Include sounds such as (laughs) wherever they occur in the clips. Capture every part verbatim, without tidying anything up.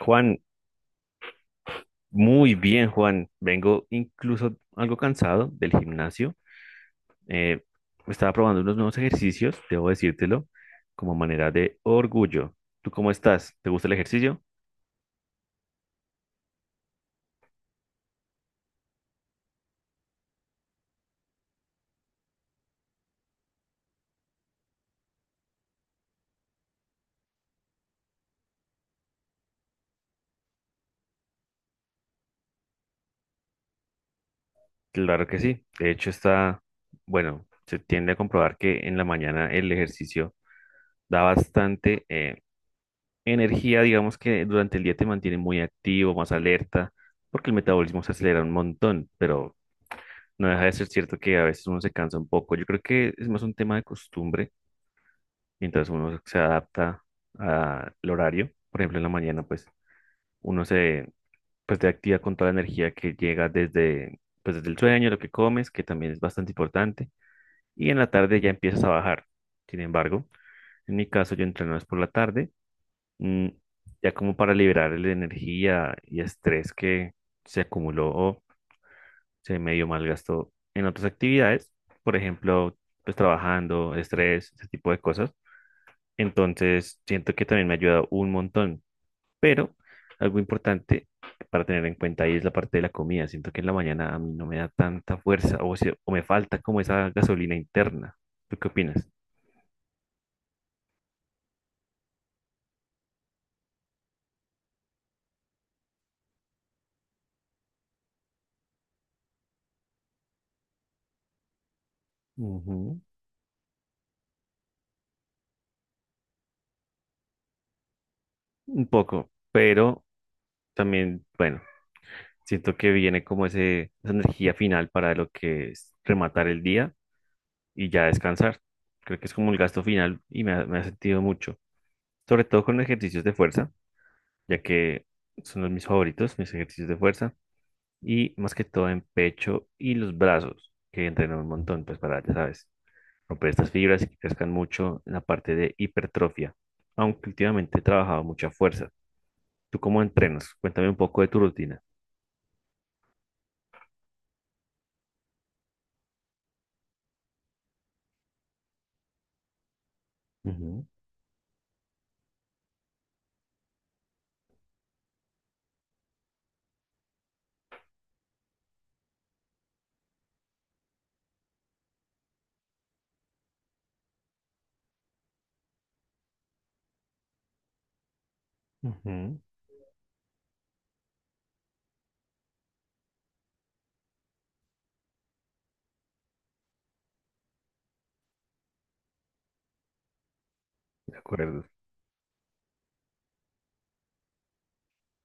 Juan, muy bien, Juan. Vengo incluso algo cansado del gimnasio. Eh, Estaba probando unos nuevos ejercicios, debo decírtelo, como manera de orgullo. ¿Tú cómo estás? ¿Te gusta el ejercicio? Claro que sí. De hecho, está, bueno, se tiende a comprobar que en la mañana el ejercicio da bastante eh, energía, digamos que durante el día te mantiene muy activo, más alerta, porque el metabolismo se acelera un montón, pero no deja de ser cierto que a veces uno se cansa un poco. Yo creo que es más un tema de costumbre, mientras uno se adapta al horario. Por ejemplo, en la mañana, pues uno se pues, te activa con toda la energía que llega desde, pues, desde el sueño, lo que comes, que también es bastante importante. Y en la tarde ya empiezas a bajar. Sin embargo, en mi caso, yo entreno es por la tarde, mm, ya como para liberar la energía y estrés que se acumuló, se medio malgastó en otras actividades, por ejemplo, pues trabajando, estrés, ese tipo de cosas. Entonces, siento que también me ha ayudado un montón, pero algo importante para tener en cuenta ahí es la parte de la comida. Siento que en la mañana a mí no me da tanta fuerza o, se- o me falta como esa gasolina interna. ¿Tú qué opinas? Ujú. Un poco, pero también, bueno, siento que viene como ese, esa energía final para lo que es rematar el día y ya descansar. Creo que es como el gasto final y me ha, me ha sentido mucho, sobre todo con ejercicios de fuerza, ya que son los mis favoritos, mis ejercicios de fuerza, y más que todo en pecho y los brazos, que entreno un montón, pues para, ya sabes, romper estas fibras y que crezcan mucho en la parte de hipertrofia, aunque últimamente he trabajado mucha fuerza. ¿Tú cómo entrenas? Cuéntame un poco de tu rutina. Ujú, ujú, de acuerdo.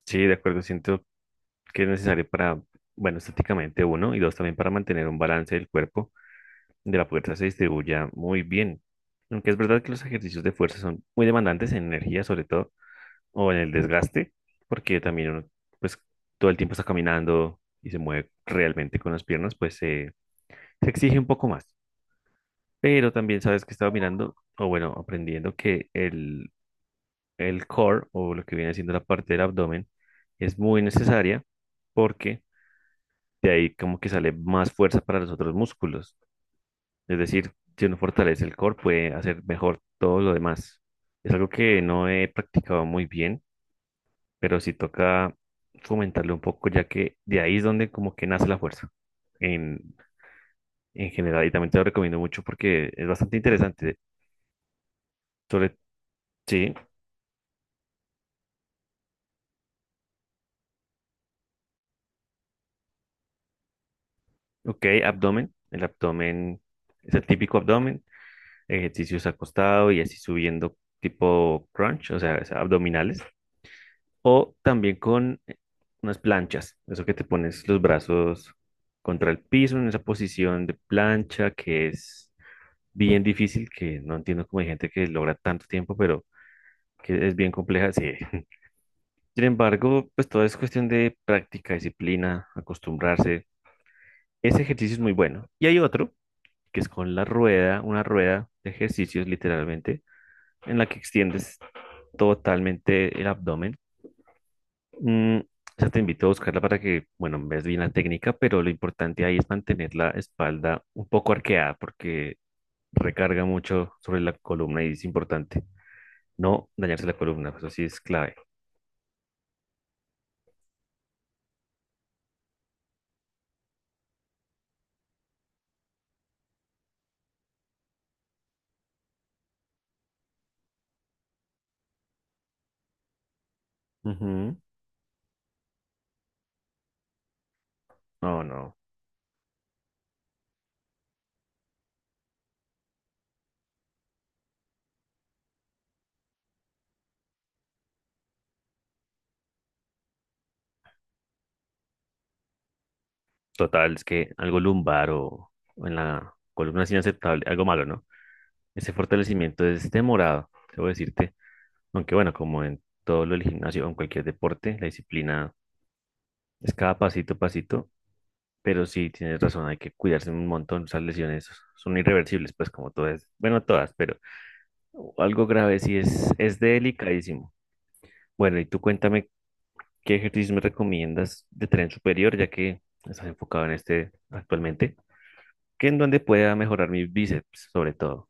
Sí, de acuerdo, siento que es necesario para, bueno, estéticamente uno, y dos, también para mantener un balance del cuerpo, de la fuerza se distribuya muy bien. Aunque es verdad que los ejercicios de fuerza son muy demandantes en energía, sobre todo, o en el desgaste, porque también uno, pues, todo el tiempo está caminando y se mueve realmente con las piernas, pues eh, se exige un poco más. Pero también sabes que estaba mirando, o bueno, aprendiendo que el, el core, o lo que viene siendo la parte del abdomen, es muy necesaria porque de ahí como que sale más fuerza para los otros músculos. Es decir, si uno fortalece el core, puede hacer mejor todo lo demás. Es algo que no he practicado muy bien, pero sí toca fomentarlo un poco, ya que de ahí es donde como que nace la fuerza en, en general. Y también te lo recomiendo mucho porque es bastante interesante. Sobre, sí, ok, abdomen. El abdomen es el típico abdomen, ejercicios acostado y así subiendo tipo crunch, o sea, abdominales. O también con eh, unas planchas, eso que te pones los brazos contra el piso en esa posición de plancha que es bien difícil, que no entiendo cómo hay gente que logra tanto tiempo, pero que es bien compleja, sí. (laughs) Sin embargo, pues todo es cuestión de práctica, disciplina, acostumbrarse. Ese ejercicio es muy bueno. Y hay otro que es con la rueda, una rueda de ejercicios literalmente, en la que extiendes totalmente el abdomen. Mm, o sea, te invito a buscarla para que, bueno, ves bien la técnica, pero lo importante ahí es mantener la espalda un poco arqueada porque recarga mucho sobre la columna y es importante no dañarse la columna, eso sí es clave. Ujú. No, no. Total, es que algo lumbar o, o en la columna es inaceptable, algo malo, ¿no? Ese fortalecimiento es demorado, debo decirte. Aunque bueno, como en todo lo del gimnasio o en cualquier deporte, la disciplina es cada pasito a pasito. Pero sí, tienes razón, hay que cuidarse un montón. Esas lesiones son irreversibles, pues como todas, bueno, todas, pero algo grave sí es, es delicadísimo. Bueno, y tú cuéntame qué ejercicios me recomiendas de tren superior, ya que estás enfocado en este actualmente, que en donde pueda mejorar mis bíceps, sobre todo.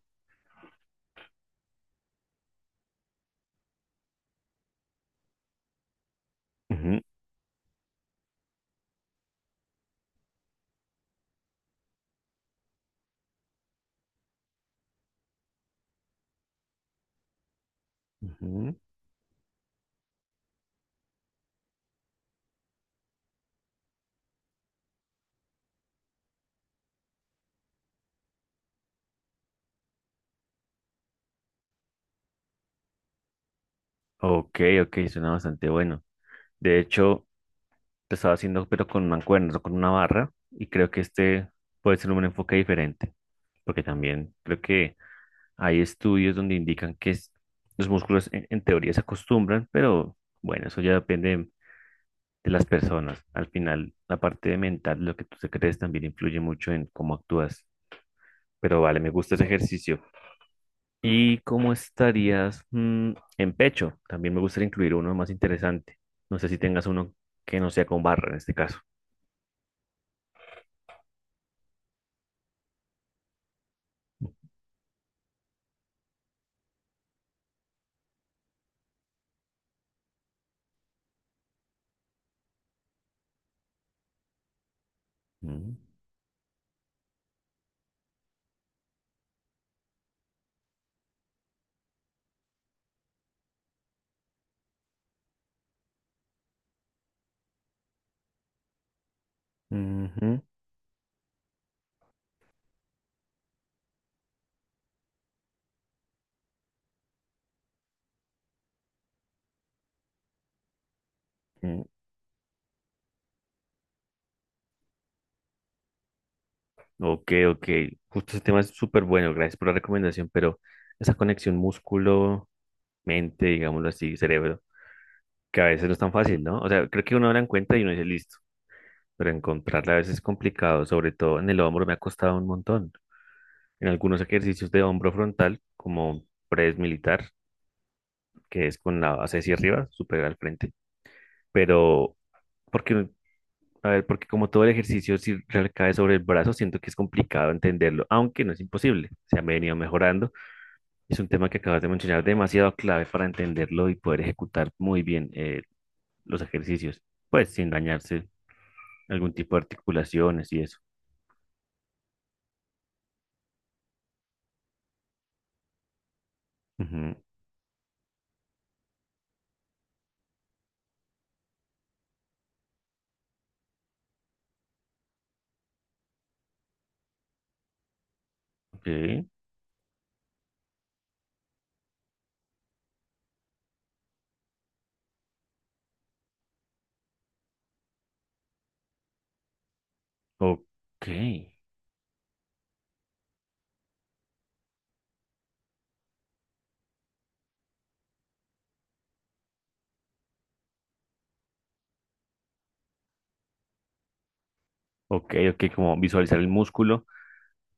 Ujú, ujú. Ok, ok, suena bastante bueno. De hecho, lo estaba haciendo, pero con mancuernas o con una barra, y creo que este puede ser un enfoque diferente, porque también creo que hay estudios donde indican que es- los músculos en, en teoría se acostumbran, pero bueno, eso ya depende de, de las personas. Al final, la parte mental, lo que tú te crees, también influye mucho en cómo actúas. Pero vale, me gusta ese ejercicio. ¿Y cómo estarías mm, en pecho? También me gustaría incluir uno más interesante. No sé si tengas uno que no sea con barra en este caso. Mm. Ujú, ujú. Ok, ok. Justo ese tema es súper bueno. Gracias por la recomendación, pero esa conexión músculo-mente, digámoslo así, cerebro, que a veces no es tan fácil, ¿no? O sea, creo que uno la encuentra y uno dice listo, pero encontrarla a veces es complicado, sobre todo en el hombro me ha costado un montón. En algunos ejercicios de hombro frontal, como press militar, que es con la base hacia arriba, súper al frente, pero porque a ver, porque como todo el ejercicio, si recae sobre el brazo, siento que es complicado entenderlo, aunque no es imposible. Se ha venido mejorando. Es un tema que acabas de mencionar demasiado clave para entenderlo y poder ejecutar muy bien eh, los ejercicios, pues sin dañarse algún tipo de articulaciones y eso. Ujú. Ok, ok, ok, ok, como visualizar el músculo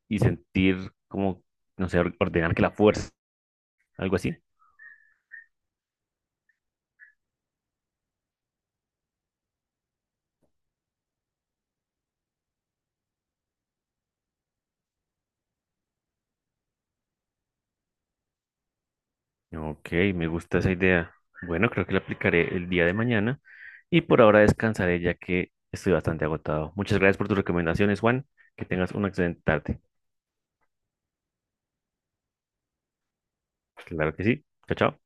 y sentir como, no sé, or- ordenar que la fuerza, algo así. Ok, me gusta esa idea. Bueno, creo que la aplicaré el día de mañana y por ahora descansaré ya que estoy bastante agotado. Muchas gracias por tus recomendaciones, Juan. Que tengas una excelente tarde. Claro que sí. Chao, chao.